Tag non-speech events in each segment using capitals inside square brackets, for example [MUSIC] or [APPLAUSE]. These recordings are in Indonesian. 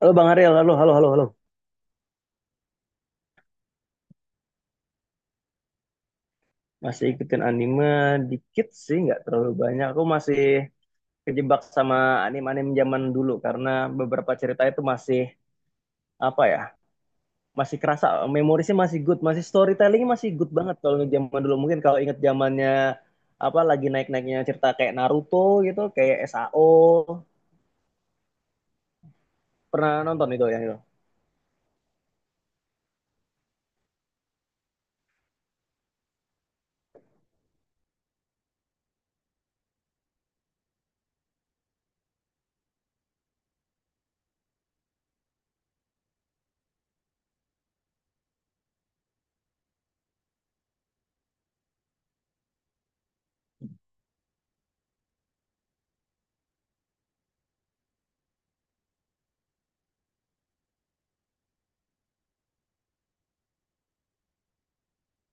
Halo Bang Ariel, halo, halo, halo, halo. Masih ikutin anime dikit sih, nggak terlalu banyak. Aku masih kejebak sama anime-anime zaman dulu karena beberapa cerita itu masih apa ya, masih kerasa memorisnya masih good, masih storytellingnya masih good banget kalau ingat zaman dulu. Mungkin kalau ingat zamannya apa lagi naik-naiknya cerita kayak Naruto gitu, kayak SAO. Pernah nonton itu yang itu?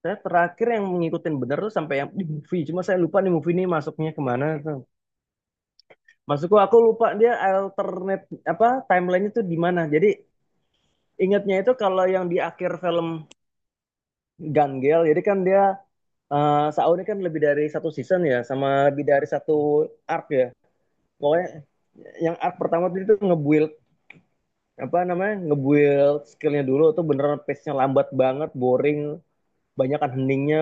Saya terakhir yang ngikutin bener tuh sampai yang di movie, cuma saya lupa nih movie ini masuknya kemana. Maksudku aku lupa dia alternate apa timelinenya tuh di mana. Jadi ingatnya itu kalau yang di akhir film Gun Girl, jadi kan dia Sao ini kan lebih dari satu season ya, sama lebih dari satu arc ya. Pokoknya yang arc pertama tuh itu nge-build apa namanya nge-build skillnya dulu tuh beneran pace-nya lambat banget, boring, banyakan heningnya,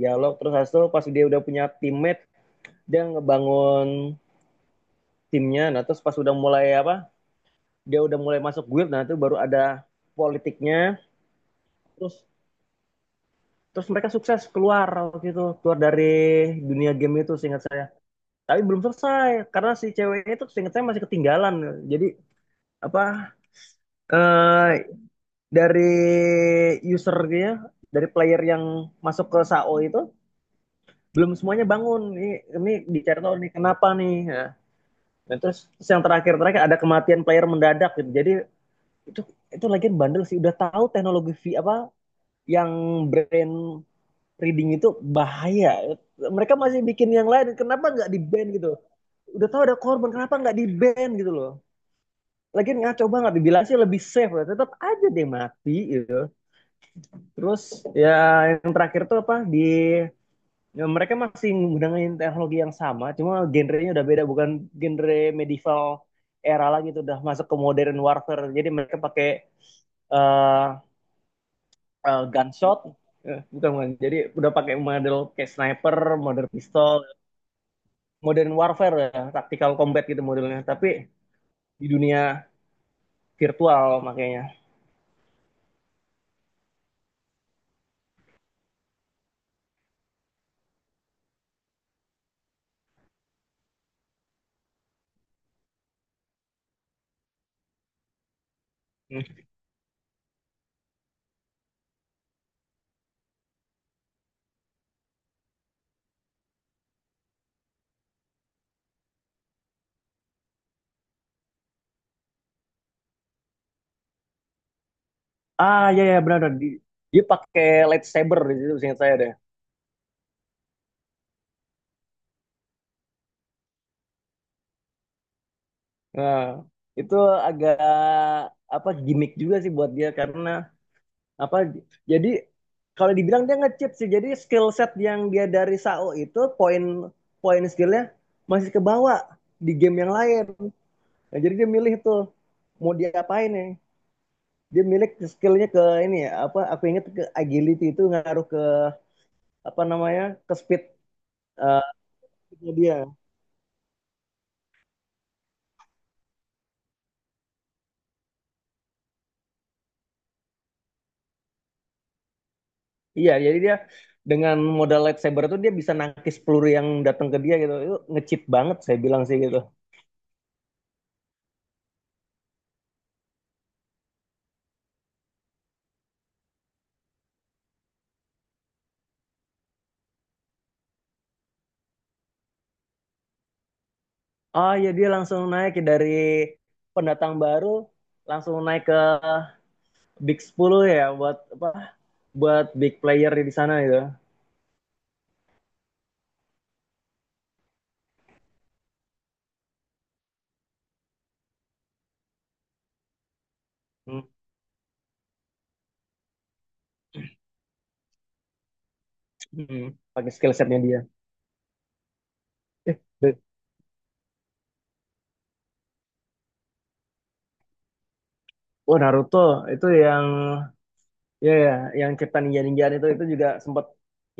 dialog. Terus habis itu pas dia udah punya teammate, dia ngebangun timnya. Nah terus pas udah mulai apa dia udah mulai masuk guild, nah itu baru ada politiknya, terus terus mereka sukses keluar gitu, keluar dari dunia game itu seingat saya, tapi belum selesai karena si ceweknya itu seingat saya masih ketinggalan. Jadi apa eh dari user dia, dari player yang masuk ke SAO itu belum semuanya bangun. Ini dicari nih kenapa nih ya. Nah, terus yang terakhir terakhir ada kematian player mendadak gitu. Jadi itu itu lagi bandel sih udah tahu teknologi v, apa yang brand reading itu bahaya. Mereka masih bikin yang lain, kenapa nggak di ban gitu? Udah tahu ada korban, kenapa nggak di ban gitu loh? Lagian nggak coba nggak dibilang sih lebih safe, ya. Tetap aja deh mati gitu. Terus ya yang terakhir tuh apa di ya, mereka masih menggunakan teknologi yang sama, cuma genrenya udah beda, bukan genre medieval era lagi tuh udah masuk ke modern warfare. Jadi mereka pakai uh, gunshot. Eh, bukan bukan, jadi udah pakai model kayak sniper, model pistol modern warfare ya, tactical combat gitu modelnya, tapi di dunia virtual makanya. Hmm. Ah ya ya benar. Dia pakai lightsaber di situ seingat saya deh. Nah, itu agak apa, gimmick juga sih buat dia karena apa, jadi kalau dibilang dia nge-cheat sih, jadi skill set yang dia dari SAO itu poin poin skillnya masih ke bawah di game yang lain. Nah, jadi dia milih tuh mau diapain ya. Dia milih skillnya ke ini ya, apa aku ingat ke agility itu ngaruh ke apa namanya, ke speed, eh, dia. Iya, jadi dia dengan modal lightsaber itu dia bisa nangkis peluru yang datang ke dia gitu. Itu ngecip banget saya bilang sih gitu. Oh iya, dia langsung naik ya dari pendatang baru langsung naik ke Big 10 ya, buat apa buat big player di sana gitu. Hmm. Hmm. Pakai skill setnya dia. Eh, Oh, Naruto itu yang ya ya yang cerita ninja ninjaan itu juga sempat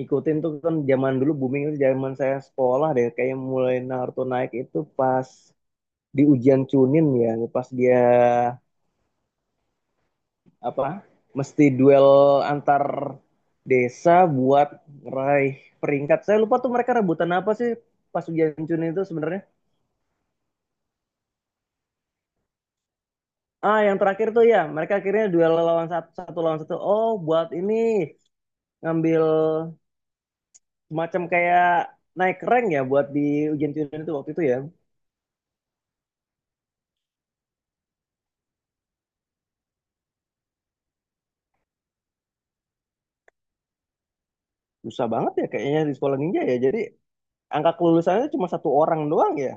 ikutin tuh kan, zaman dulu booming itu zaman saya sekolah deh, kayak mulai Naruto naik itu pas di ujian Chunin ya, pas dia apa mesti duel antar desa buat raih peringkat. Saya lupa tuh mereka rebutan apa sih pas ujian Chunin itu sebenarnya. Ah yang terakhir tuh ya mereka akhirnya duel lawan satu, satu lawan satu, oh buat ini ngambil, macam kayak naik rank ya buat di ujian-ujian itu waktu itu ya. Susah banget ya kayaknya di sekolah ninja ya. Jadi angka kelulusannya cuma satu orang doang ya.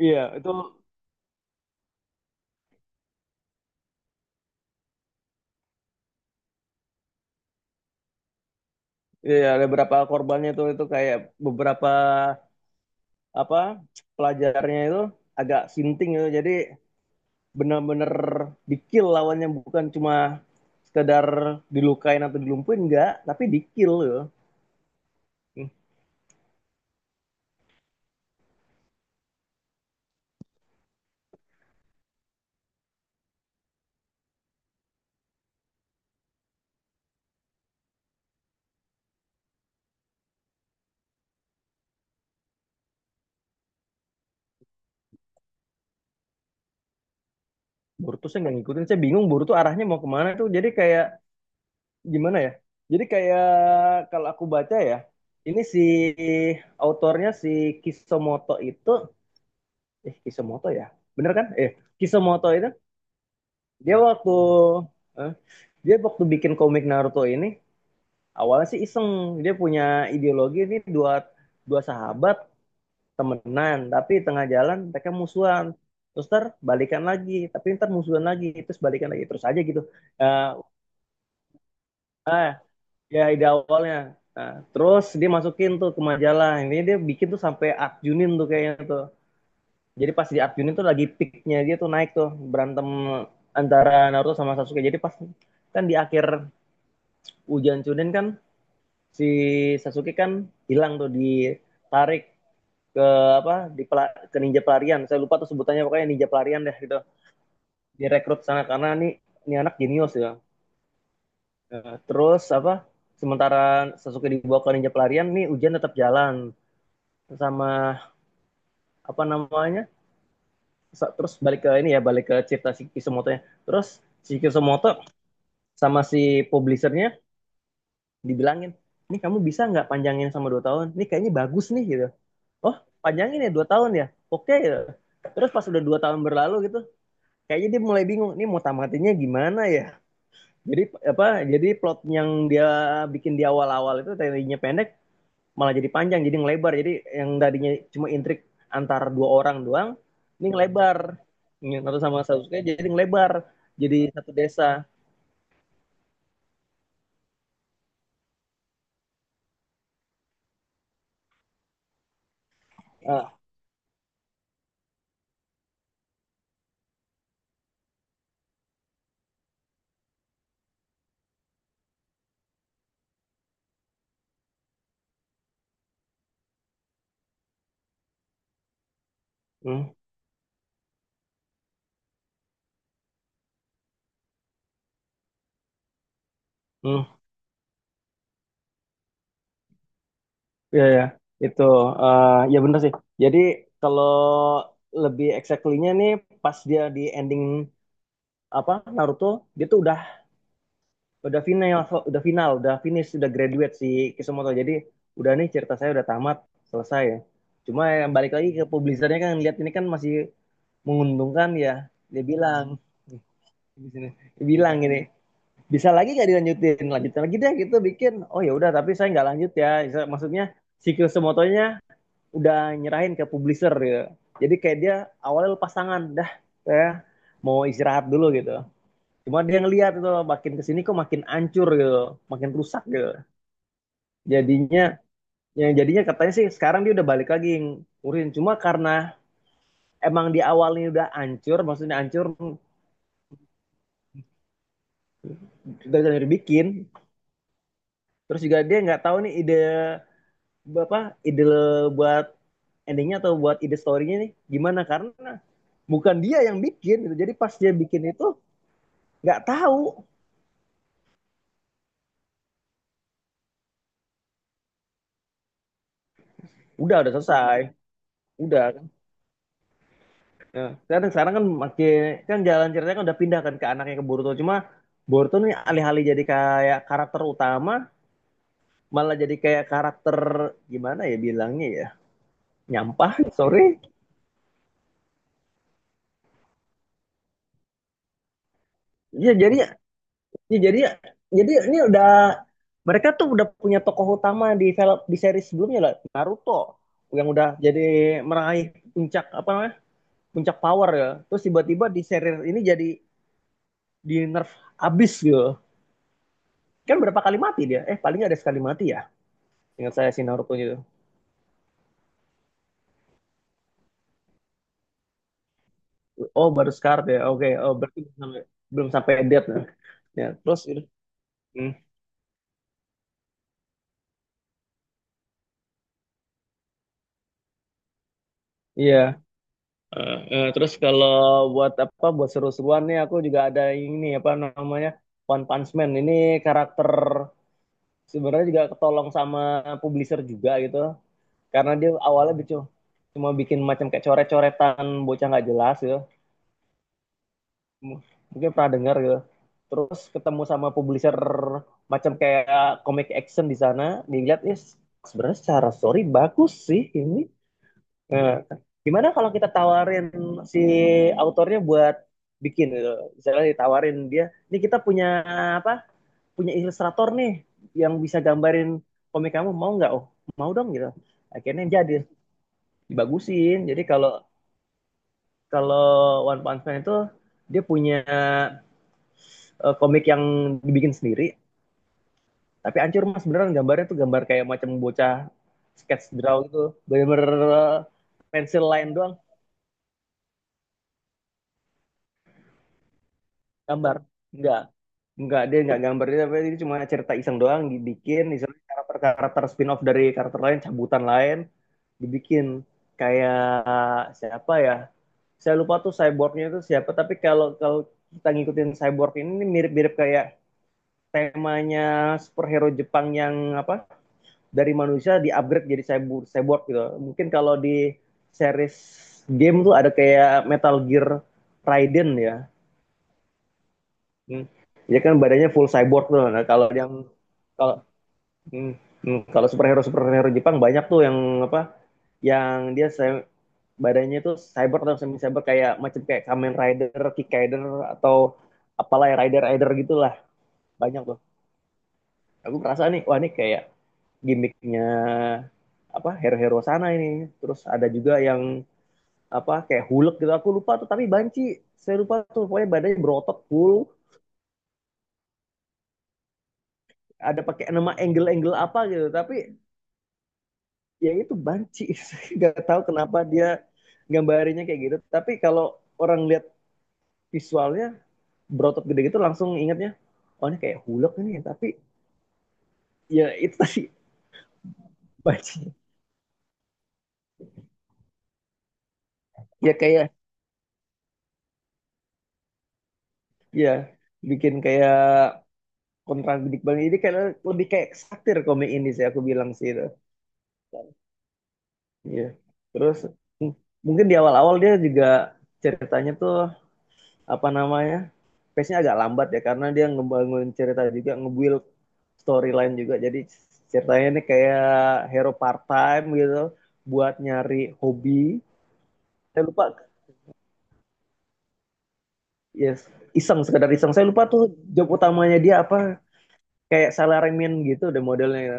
Iya, itu iya, ada beberapa korbannya itu kayak beberapa apa pelajarnya itu agak sinting gitu. Jadi benar-benar di-kill lawannya, bukan cuma sekedar dilukain atau dilumpuhin, enggak, tapi di-kill gitu. Hmm, Boruto saya nggak ngikutin, saya bingung Boruto arahnya mau kemana tuh. Jadi kayak gimana ya? Jadi kayak kalau aku baca ya, ini si autornya si Kishimoto itu, eh Kishimoto ya, bener kan? Eh Kishimoto itu dia waktu eh, dia waktu bikin komik Naruto ini awalnya sih iseng. Dia punya ideologi ini, dua dua sahabat temenan, tapi tengah jalan mereka musuhan. Terus ntar balikan lagi, tapi ntar musuhan lagi, terus balikan lagi, terus aja gitu. Eh, ah, ya ide awalnya. Nah, terus dia masukin tuh ke majalah. Ini dia bikin tuh sampai Arjunin tuh kayaknya tuh. Jadi pas di Arjunin tuh lagi peaknya dia tuh, naik tuh berantem antara Naruto sama Sasuke. Jadi pas kan di akhir ujian Chunin kan si Sasuke kan hilang tuh ditarik ke apa, di pela-, ke ninja pelarian. Saya lupa tuh sebutannya, pokoknya ninja pelarian deh gitu. Direkrut sana karena nih ini anak jenius ya. Nah, terus apa, sementara Sasuke dibawa ke ninja pelarian, nih ujian tetap jalan, sama apa namanya, terus balik ke ini ya, balik ke cerita si Kisumoto-nya. Terus si Kisumoto sama si publishernya dibilangin, ini kamu bisa nggak panjangin sama 2 tahun, ini kayaknya bagus nih gitu. Oh panjangin ya 2 tahun ya, oke gitu. Terus pas udah 2 tahun berlalu gitu, kayaknya dia mulai bingung ini mau tamatinnya gimana ya. Jadi apa, jadi plot yang dia bikin di awal-awal itu tadinya pendek malah jadi panjang, jadi ngelebar, jadi yang tadinya cuma intrik antar dua orang doang, ini ngelebar, Naruto sama Sasuke jadi ngelebar jadi satu desa. Ah hmm, hmm, ya ya itu, ya bener sih. Jadi kalau lebih exactly-nya nih, pas dia di ending apa, Naruto, dia tuh udah final udah final udah finish udah graduate si Kishimoto. Jadi udah nih cerita saya udah tamat, selesai ya. Cuma yang balik lagi ke publisernya kan lihat ini kan masih menguntungkan ya. Dia bilang di sini, dia bilang gini, bisa lagi nggak dilanjutin, lanjutin lagi deh gitu bikin. Oh ya udah, tapi saya nggak lanjut ya, maksudnya si Kyosumoto udah nyerahin ke publisher gitu. Jadi kayak dia awalnya lepas tangan dah, saya mau istirahat dulu gitu. Cuma dia ngelihat itu makin kesini kok makin ancur gitu, makin rusak gitu jadinya. Yang jadinya katanya sih sekarang dia udah balik lagi ngurusin, cuma karena emang di awalnya udah ancur, maksudnya ancur dari bikin. Terus juga dia nggak tahu nih ide apa, ide buat endingnya atau buat ide storynya nih gimana karena bukan dia yang bikin gitu. Jadi pas dia bikin itu nggak tahu. Udah selesai udah kan. Ya. Sekarang sekarang kan makin, kan jalan ceritanya kan udah pindah kan ke anaknya ke Boruto. Cuma Boruto nih alih-alih jadi kayak karakter utama malah jadi kayak karakter, gimana ya bilangnya ya, nyampah sorry ya. Jadi ya, jadi ini udah, mereka tuh udah punya tokoh utama di film di seri sebelumnya lah, Naruto, yang udah jadi meraih puncak apa namanya, puncak power ya. Terus tiba-tiba di seri ini jadi di nerf abis gitu. Kan berapa kali mati dia, paling nggak ada sekali mati ya, ingat saya si Naruto itu. Oh baru scar ya, oke, oh berarti belum sampai, belum sampai death nah. Ya terus itu hmm, iya. Terus kalau buat apa, buat seru-seruan nih aku juga ada ini apa namanya, One Punch Man ini karakter sebenarnya juga ketolong sama publisher juga gitu. Karena dia awalnya gitu cuma bikin macam kayak coret-coretan bocah nggak jelas gitu. M- Mungkin pernah dengar gitu. Terus ketemu sama publisher macam kayak comic action di sana, dilihat ya sebenarnya secara story bagus sih ini. Nah, gimana kalau kita tawarin si autornya buat bikin gitu. Misalnya ditawarin dia, ini kita punya apa? Punya ilustrator nih yang bisa gambarin komik kamu mau nggak? Oh, mau dong gitu. Akhirnya jadi dibagusin. Jadi kalau kalau One Punch Man itu dia punya komik yang dibikin sendiri, tapi hancur mas, beneran gambarnya tuh gambar kayak macam bocah sketch draw gitu, bener-bener eh, pencil line doang gambar. Enggak, Enggak, dia nggak gambar dia, tapi ini cuma cerita iseng doang dibikin, misalnya karakter-karakter spin-off dari karakter lain, cabutan lain, dibikin kayak siapa ya saya lupa tuh cyborgnya itu siapa, tapi kalau kalau kita ngikutin cyborg ini mirip-mirip kayak temanya superhero Jepang yang apa, dari manusia di upgrade jadi cyborg cyborg gitu. Mungkin kalau di series game tuh ada kayak Metal Gear, Raiden ya. Hmm. Dia kan badannya full cyborg tuh. Nah, kalau yang kalau. Hmm, hmm. Kalau superhero superhero Jepang banyak tuh yang apa? Yang dia se-, badannya itu cyber atau semi cyber kayak macam kayak Kamen Rider, Kick Rider, atau apalah ya Rider Rider gitulah, banyak tuh. Aku merasa nih, wah ini kayak gimmicknya apa hero-hero sana ini. Terus ada juga yang apa kayak Hulk gitu. Aku lupa tuh tapi banci. Saya lupa tuh pokoknya badannya berotot full, ada pakai nama angle-angle apa gitu. Tapi ya itu banci [LAUGHS] nggak tahu kenapa dia gambarinnya kayak gitu. Tapi kalau orang lihat visualnya berotot gede gitu langsung ingatnya, "Oh, ini kayak hulek ini ya." Tapi ya itu [LAUGHS] tadi banci, ya kayak, ya bikin kayak kontradik banget, jadi kayak lebih kayak satir komik ini sih, aku bilang sih itu. Ya, terus m- mungkin di awal-awal dia juga, ceritanya tuh apa namanya, pace nya agak lambat ya, karena dia ngebangun cerita juga, nge-build storyline juga. Jadi ceritanya ini kayak hero part time gitu, buat nyari hobi. Saya lupa, yes, iseng, sekedar iseng, saya lupa tuh job utamanya dia apa. Kayak salaryman gitu deh modelnya ya.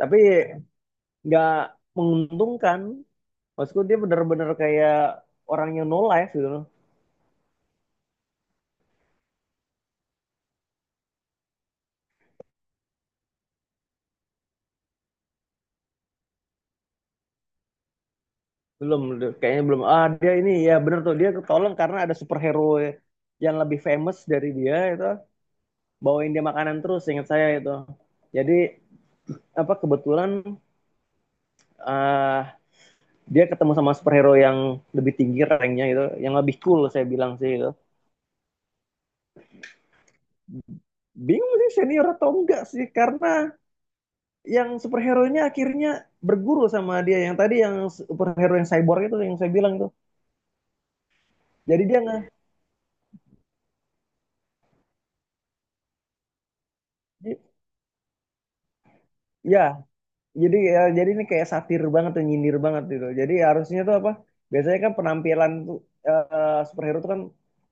Tapi nggak menguntungkan, maksudku dia bener-bener kayak orang yang no life gitu loh. Belum, kayaknya belum, ah dia ini ya, bener tuh dia ketolong karena ada superhero yang lebih famous dari dia itu bawain dia makanan, terus ingat saya itu. Jadi apa, kebetulan eh, dia ketemu sama superhero yang lebih tinggi ranknya gitu, yang lebih cool, saya bilang sih itu. Bingung sih, senior atau enggak sih, karena yang superhero-nya akhirnya berguru sama dia yang tadi, yang superhero yang cyborg itu yang saya bilang tuh. Jadi dia nggak, ya jadi ya, jadi ini kayak satir banget tuh, nyindir banget gitu. Jadi harusnya tuh apa, biasanya kan penampilan tuh, superhero tuh kan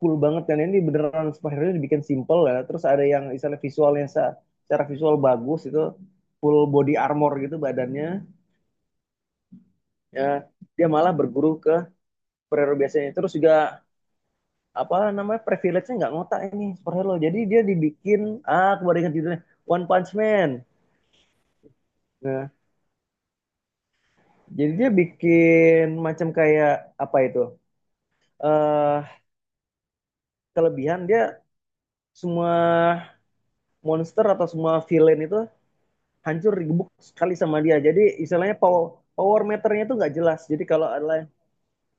cool banget kan. Ini beneran superhero dibikin simple ya. Terus ada yang misalnya visualnya secara visual bagus itu, full body armor gitu badannya. Ya dia malah berguru ke superhero biasanya. Terus juga apa namanya, privilege-nya nggak ngotak ini superhero. Jadi dia dibikin, ah aku baru ingat judulnya, One Punch Man. Nah, jadi dia bikin macam kayak apa itu, eh kelebihan dia, semua monster atau semua villain itu hancur digebuk sekali sama dia. Jadi istilahnya power, power meternya itu nggak jelas. Jadi kalau ada,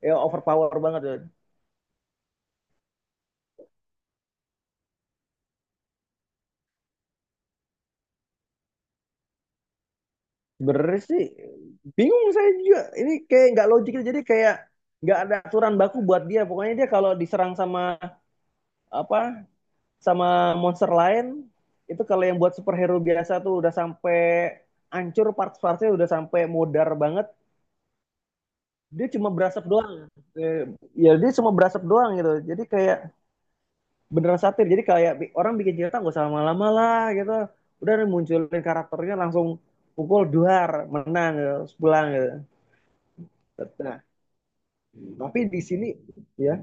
ya overpower banget. Dud. Sebenarnya sih bingung saya juga. Ini kayak nggak logik. Jadi kayak nggak ada aturan baku buat dia. Pokoknya dia kalau diserang sama apa, sama monster lain itu, kalau yang buat superhero biasa tuh udah sampai hancur parts-partsnya, udah sampai modar banget, dia cuma berasap doang. Eh, Ya dia cuma berasap doang gitu. Jadi kayak beneran satir, jadi kayak orang bikin cerita nggak usah lama-lama lah gitu. Udah munculin karakternya langsung pukul duar, menang gitu, pulang gitu. Nah, tapi di sini ya,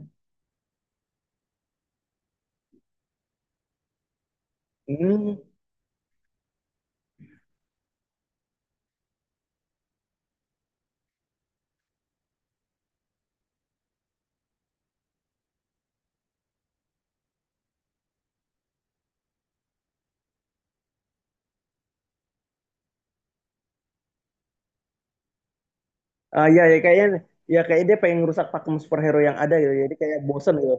hmm, ah, ya ya kayaknya, ya kayak dia pengen ngerusak pakem superhero yang ada gitu, jadi kayak bosen gitu.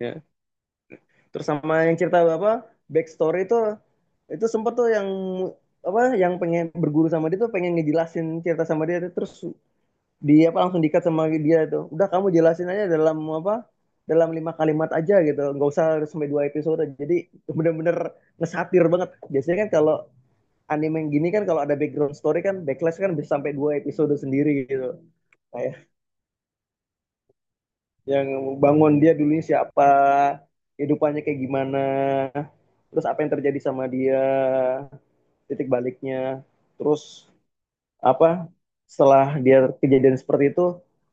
Ya, terus sama yang cerita apa, backstory itu sempet tuh yang apa, yang pengen berguru sama dia tuh pengen ngejelasin cerita sama dia, terus di apa langsung dikat sama dia tuh, udah kamu jelasin aja dalam apa, dalam lima kalimat aja gitu, nggak usah sampai dua episode. Jadi bener-bener ngesatir banget. Biasanya kan kalau anime yang gini kan, kalau ada background story kan backlash kan bisa sampai dua episode sendiri gitu. Kayak yang bangun dia dulunya siapa, hidupannya kayak gimana, terus apa yang terjadi sama dia, titik baliknya, terus apa, setelah dia kejadian seperti itu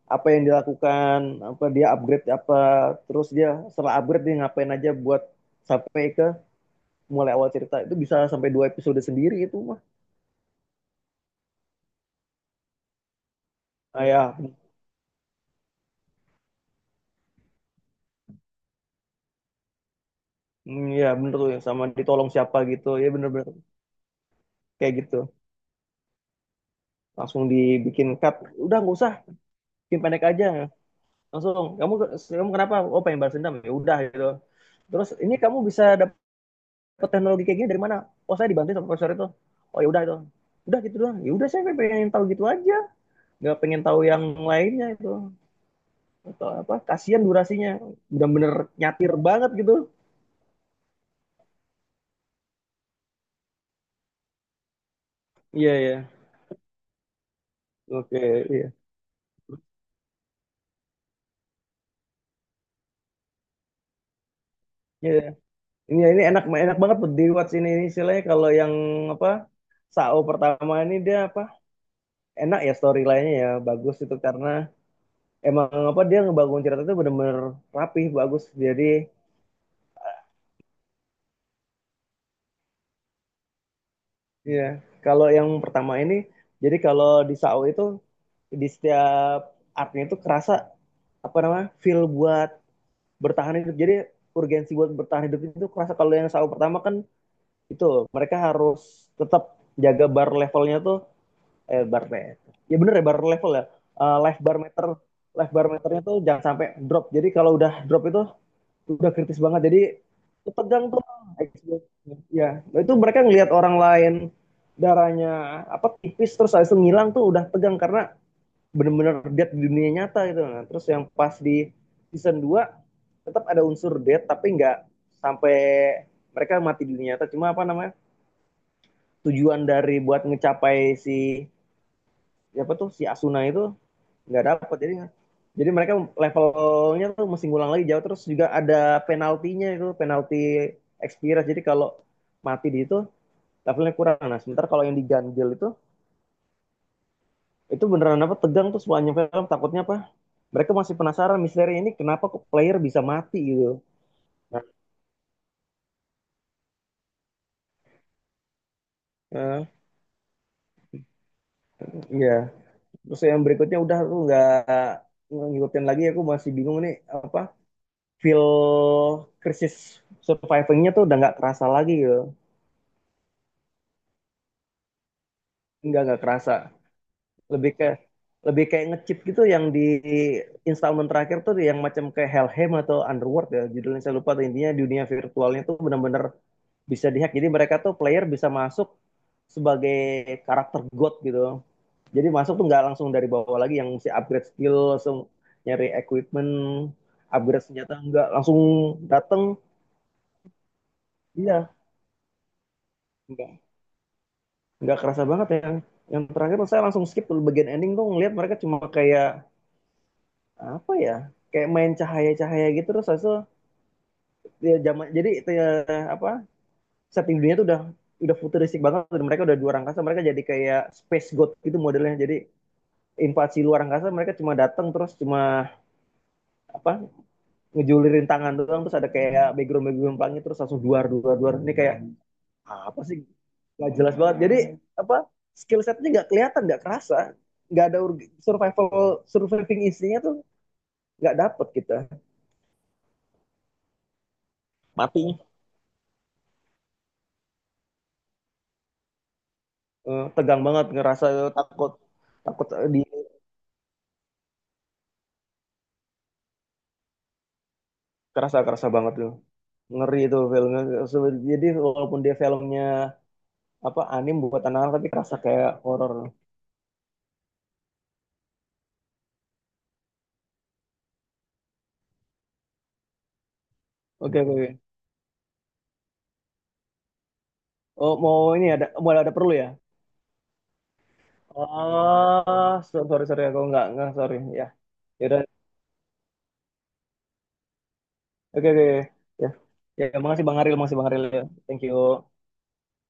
apa yang dilakukan, apa dia upgrade apa, terus dia setelah upgrade dia ngapain aja buat sampai ke mulai awal cerita itu, bisa sampai dua episode sendiri itu mah. Nah, ya, mm, ya bener tuh ya, sama ditolong siapa gitu, ya bener-bener kayak gitu. Langsung dibikin cut, udah nggak usah, bikin pendek aja, langsung kamu, kamu kenapa, oh pengen balas dendam, ya udah gitu. Terus ini kamu bisa dapat teknologi kayak gini dari mana? Oh, saya dibantu sama profesor itu. Oh ya udah itu. Udah gitu doang. Ya udah, saya pengen tahu gitu aja. Nggak pengen tahu yang lainnya itu atau apa? Kasihan durasinya. Bener-bener nyatir banget gitu. Iya yeah, iya. Yeah. Oke, iya. Iya, yeah. Ya, ini enak enak banget buat di ini, istilahnya kalau yang apa, Sao pertama ini dia apa, enak ya storyline-nya ya, bagus itu karena emang apa dia ngebangun cerita itu benar-benar rapih bagus. Jadi iya, kalau yang pertama ini, jadi kalau di SAO itu, di setiap artnya itu kerasa apa namanya feel buat bertahan hidup. Jadi urgensi buat bertahan hidup itu kerasa. Kalau yang SAO pertama kan itu mereka harus tetap jaga bar levelnya tuh, eh bar le- ya bener ya bar level ya, life bar meter, life bar meternya tuh jangan sampai drop. Jadi kalau udah drop itu udah kritis banget. Jadi ketegang tuh, xbox, ya, nah, itu mereka ngelihat orang lain darahnya apa tipis, terus habis itu ngilang tuh, udah tegang karena benar-benar dead di dunia nyata gitu. Nah terus yang pas di season dua, tetap ada unsur dead tapi nggak sampai mereka mati di dunia nyata, cuma apa namanya, tujuan dari buat ngecapai si, siapa tuh si Asuna itu nggak dapat. Jadi mereka levelnya tuh mesti ngulang lagi jauh. Terus juga ada penaltinya itu, penalti experience, jadi kalau mati di itu levelnya kurang. Nah sementara kalau yang diganjel itu beneran apa, tegang tuh semuanya, film takutnya apa, mereka masih penasaran misteri ini kenapa kok player bisa mati gitu. Nah, eh, ya, terus yang berikutnya udah tuh nggak ngikutin lagi, aku masih bingung nih apa, feel krisis survivingnya tuh udah nggak kerasa lagi gitu. Nggak kerasa, lebih ke lebih kayak ngechip gitu yang di installment terakhir tuh, yang macam kayak Hellheim atau Underworld ya judulnya, saya lupa tuh. Intinya dunia virtualnya tuh benar-benar bisa dihack. Jadi mereka tuh player bisa masuk sebagai karakter god gitu. Jadi masuk tuh nggak langsung dari bawah lagi yang mesti upgrade skill, langsung nyari equipment, upgrade senjata, nggak langsung dateng, iya, nggak nggak kerasa banget ya. Yang terakhir saya langsung skip tuh bagian ending tuh, ngeliat mereka cuma kayak apa ya, kayak main cahaya-cahaya gitu. Terus habis itu ya zaman jadi itu ya, apa, setting dunia tuh udah futuristik banget, dan mereka udah di luar angkasa, mereka jadi kayak space god gitu modelnya. Jadi invasi luar angkasa, mereka cuma datang terus cuma apa, ngejulirin tangan doang, terus ada kayak background background pelangi, terus langsung duar duar duar, ini kayak apa sih, nggak jelas banget. Jadi apa, skill setnya nggak kelihatan, nggak kerasa, nggak ada survival, surviving instingnya tuh nggak dapet kita. Matinya, tegang banget, ngerasa takut, takut di kerasa, kerasa banget tuh ngeri itu filmnya. Jadi walaupun dia filmnya apa anim buat anak-anak tapi kerasa kayak horor. Oke oke oke. Oh mau ini, ada mau ada perlu ya. Oh sorry sorry, aku nggak sorry ya. Yaudah, oke oke, ya, ya makasih bang Aril, makasih bang Aril ya, thank you.